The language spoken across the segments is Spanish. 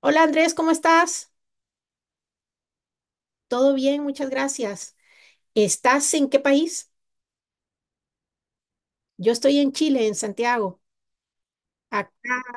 Hola Andrés, ¿cómo estás? Todo bien, muchas gracias. ¿Estás en qué país? Yo estoy en Chile, en Santiago. Acá,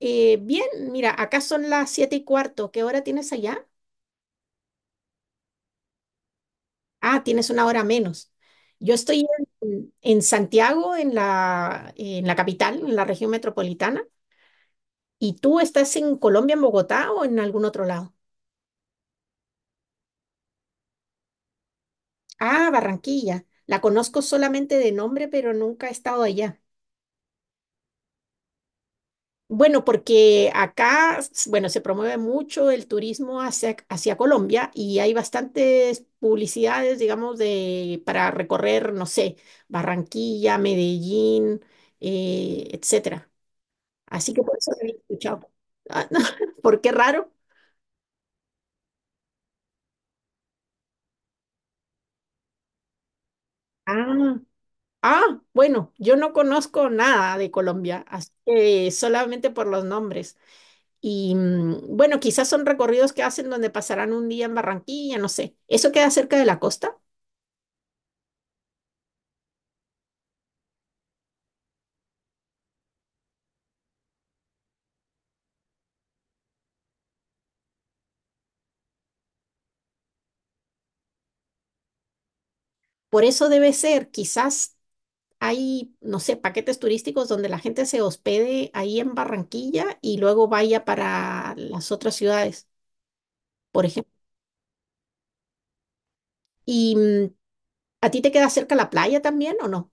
bien. Mira, acá son las 7:15. ¿Qué hora tienes allá? Ah, tienes una hora menos. Yo estoy en Santiago, en la capital, en la región metropolitana. ¿Y tú estás en Colombia, en Bogotá o en algún otro lado? Ah, Barranquilla. La conozco solamente de nombre, pero nunca he estado allá. Bueno, porque acá, bueno, se promueve mucho el turismo hacia Colombia y hay bastantes publicidades, digamos, para recorrer, no sé, Barranquilla, Medellín, etcétera. Así que por eso te había escuchado. Ah, ¿por qué raro? Ah, bueno, yo no conozco nada de Colombia, así que solamente por los nombres. Y bueno, quizás son recorridos que hacen donde pasarán un día en Barranquilla, no sé. ¿Eso queda cerca de la costa? Por eso debe ser. Quizás hay, no sé, paquetes turísticos donde la gente se hospede ahí en Barranquilla y luego vaya para las otras ciudades, por ejemplo. ¿Y a ti te queda cerca la playa también o no?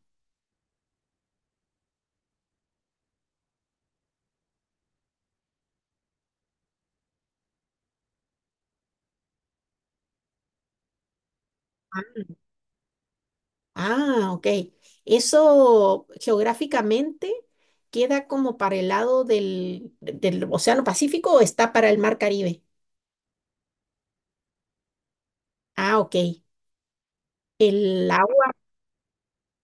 Ah, ok. Eso geográficamente queda como para el lado del Océano Pacífico, o está para el Mar Caribe. Ah, ok. El agua.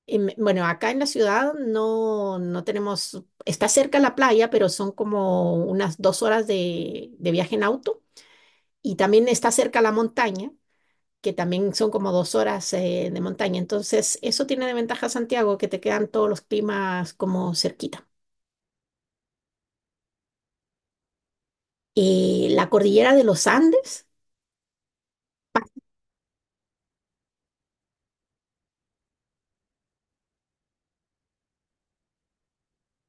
Bueno, acá en la ciudad no tenemos, está cerca la playa, pero son como unas 2 horas de viaje en auto, y también está cerca la montaña, que también son como 2 horas de montaña. Entonces, eso tiene de ventaja Santiago, que te quedan todos los climas como cerquita. La cordillera de los Andes.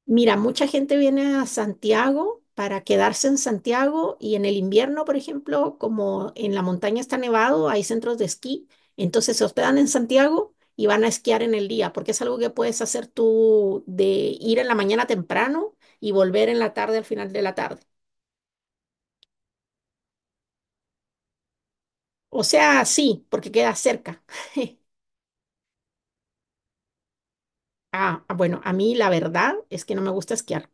Mira, mucha gente viene a Santiago para quedarse en Santiago, y en el invierno, por ejemplo, como en la montaña está nevado, hay centros de esquí, entonces se hospedan en Santiago y van a esquiar en el día, porque es algo que puedes hacer tú de ir en la mañana temprano y volver en la tarde, al final de la tarde. O sea, sí, porque queda cerca. Ah, bueno, a mí la verdad es que no me gusta esquiar.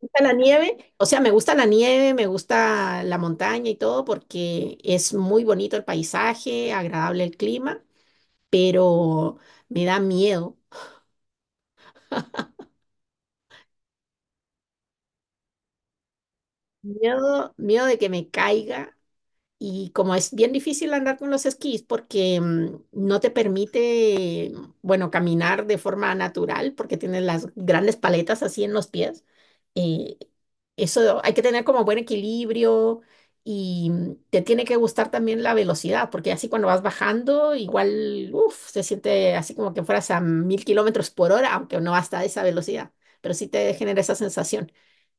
Gusta la nieve, o sea, me gusta la nieve, me gusta la montaña y todo, porque es muy bonito el paisaje, agradable el clima, pero me da miedo, miedo de que me caiga. Y como es bien difícil andar con los esquís, porque no te permite, bueno, caminar de forma natural porque tienes las grandes paletas así en los pies, eh, eso hay que tener como buen equilibrio, y te tiene que gustar también la velocidad, porque así cuando vas bajando igual, uf, se siente así como que fueras a 1.000 kilómetros por hora, aunque no hasta esa velocidad, pero sí te genera esa sensación.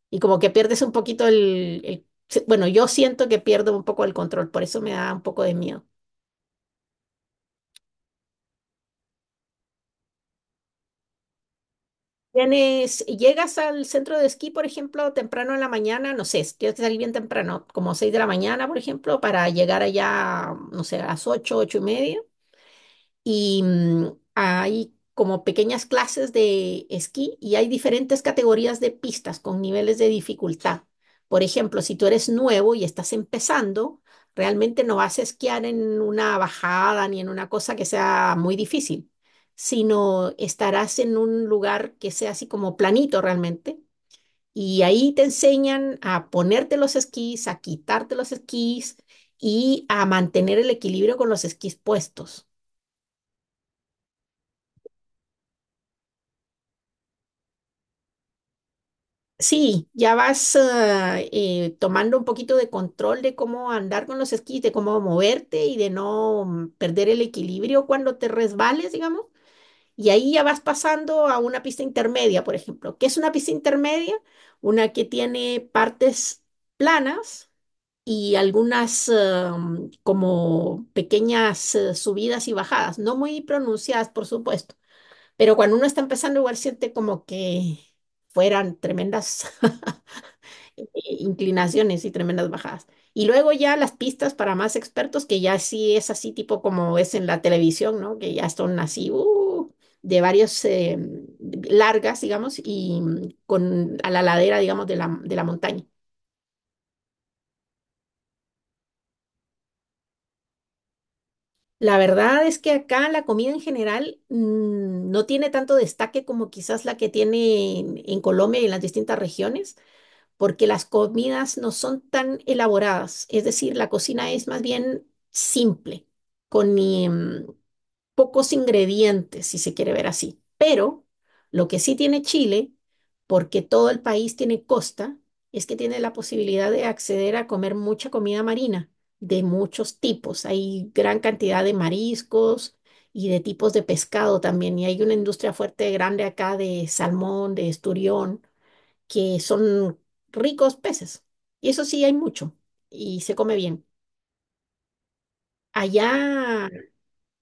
Y como que pierdes un poquito bueno, yo siento que pierdo un poco el control, por eso me da un poco de miedo. Llegas al centro de esquí, por ejemplo, temprano en la mañana, no sé, tienes que salir bien temprano, como 6 de la mañana, por ejemplo, para llegar allá, no sé, a las 8, 8:30. Y hay como pequeñas clases de esquí, y hay diferentes categorías de pistas con niveles de dificultad. Por ejemplo, si tú eres nuevo y estás empezando, realmente no vas a esquiar en una bajada ni en una cosa que sea muy difícil, sino estarás en un lugar que sea así como planito realmente. Y ahí te enseñan a ponerte los esquís, a quitarte los esquís y a mantener el equilibrio con los esquís puestos. Sí, ya vas tomando un poquito de control de cómo andar con los esquís, de cómo moverte y de no perder el equilibrio cuando te resbales, digamos. Y ahí ya vas pasando a una pista intermedia, por ejemplo. ¿Qué es una pista intermedia? Una que tiene partes planas y algunas como pequeñas subidas y bajadas, no muy pronunciadas, por supuesto. Pero cuando uno está empezando, igual siente como que fueran tremendas. eh, Inclinaciones y tremendas bajadas. Y luego ya las pistas para más expertos, que ya sí es así tipo como es en la televisión, ¿no? Que ya son así de varios largas, digamos, y con a la ladera, digamos, de la montaña. La verdad es que acá la comida en general no tiene tanto destaque como quizás la que tiene en Colombia y en las distintas regiones, porque las comidas no son tan elaboradas, es decir, la cocina es más bien simple, con pocos ingredientes, si se quiere ver así. Pero lo que sí tiene Chile, porque todo el país tiene costa, es que tiene la posibilidad de acceder a comer mucha comida marina de muchos tipos. Hay gran cantidad de mariscos y de tipos de pescado también, y hay una industria fuerte grande acá de salmón, de esturión, que son ricos peces. Y eso sí hay mucho y se come bien. Allá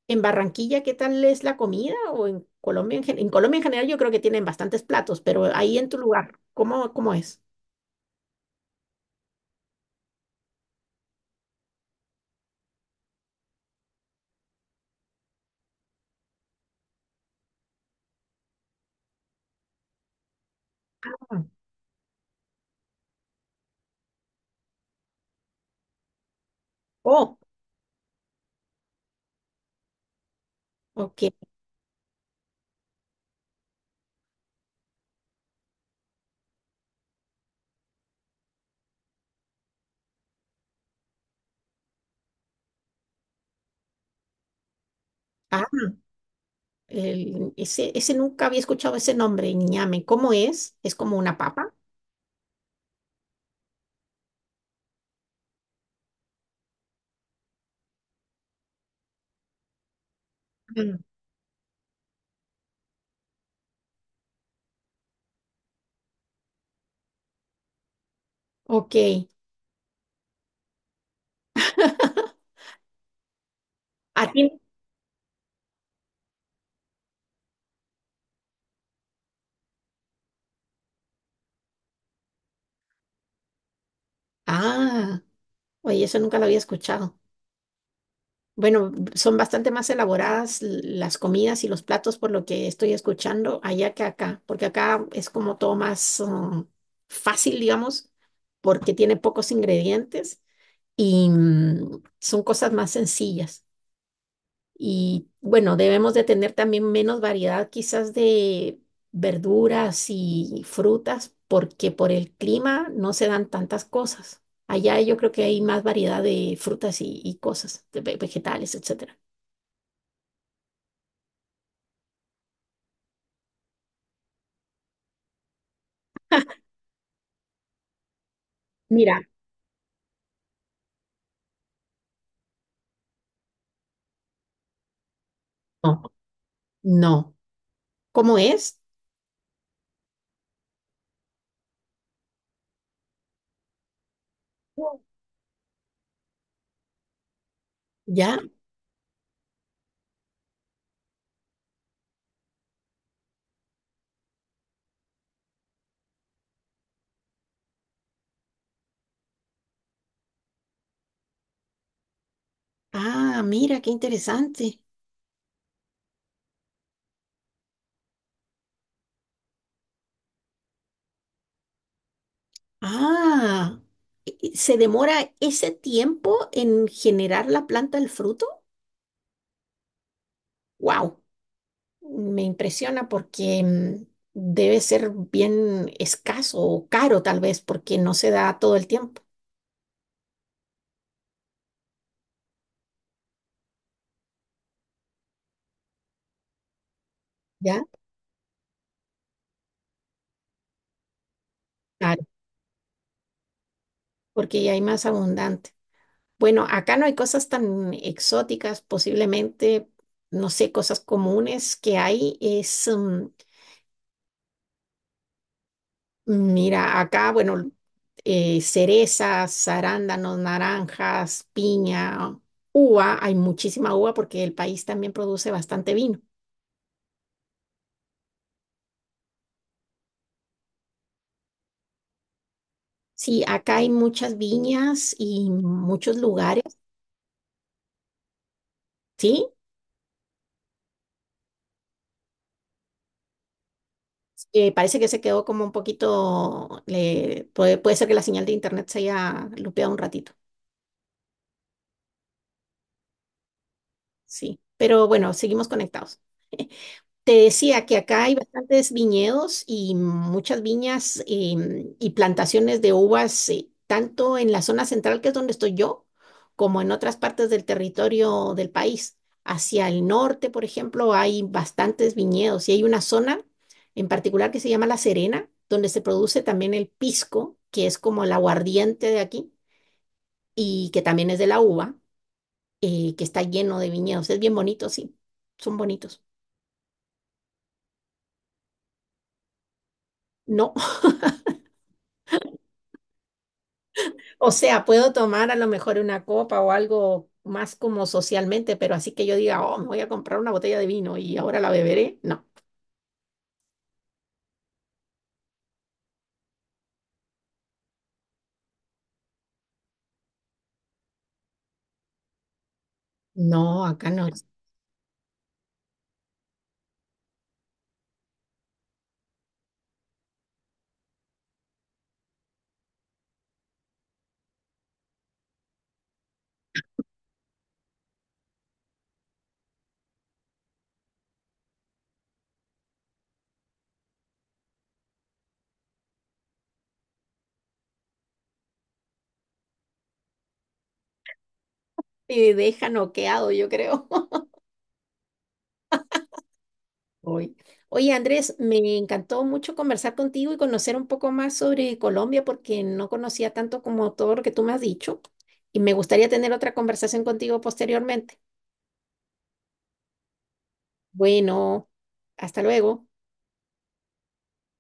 en Barranquilla, ¿qué tal es la comida? O en Colombia en, en Colombia en general, yo creo que tienen bastantes platos, pero ahí en tu lugar, ¿cómo, cómo es? Ah, Oh, ok. Ah, ese, ese nunca había escuchado ese nombre, ñame. ¿Cómo es? ¿Es como una papa? Mm. Ok. ¿A ti? Ah, oye, eso nunca lo había escuchado. Bueno, son bastante más elaboradas las comidas y los platos por lo que estoy escuchando allá que acá, porque acá es como todo más fácil, digamos, porque tiene pocos ingredientes y son cosas más sencillas. Y bueno, debemos de tener también menos variedad quizás de verduras y frutas, porque por el clima no se dan tantas cosas. Allá yo creo que hay más variedad de frutas y cosas, de vegetales, etcétera. Mira, no, no. ¿Cómo es? No. ¿Ya? Ah, mira, qué interesante. Ah, ¿se demora ese tiempo en generar la planta del fruto? Wow, me impresiona, porque debe ser bien escaso o caro tal vez, porque no se da todo el tiempo, ¿ya? Claro, porque ya hay más abundante. Bueno, acá no hay cosas tan exóticas, posiblemente, no sé. Cosas comunes que hay es. Mira, acá, bueno, cerezas, arándanos, naranjas, piña, uva, hay muchísima uva porque el país también produce bastante vino. Sí, acá hay muchas viñas y muchos lugares, ¿sí? Parece que se quedó como un poquito, puede, ser que la señal de internet se haya lupeado un ratito, sí. Pero bueno, seguimos conectados. Te decía que acá hay bastantes viñedos y muchas viñas, y plantaciones de uvas, tanto en la zona central, que es donde estoy yo, como en otras partes del territorio del país. Hacia el norte, por ejemplo, hay bastantes viñedos, y hay una zona en particular que se llama La Serena, donde se produce también el pisco, que es como el aguardiente de aquí y que también es de la uva, que está lleno de viñedos. Es bien bonito, sí, son bonitos. No, o sea, puedo tomar a lo mejor una copa o algo más como socialmente, pero así que yo diga, oh, me voy a comprar una botella de vino y ahora la beberé, no. No, acá no. Te deja noqueado, yo creo. Hoy. Oye, Andrés, me encantó mucho conversar contigo y conocer un poco más sobre Colombia, porque no conocía tanto como todo lo que tú me has dicho, y me gustaría tener otra conversación contigo posteriormente. Bueno, hasta luego.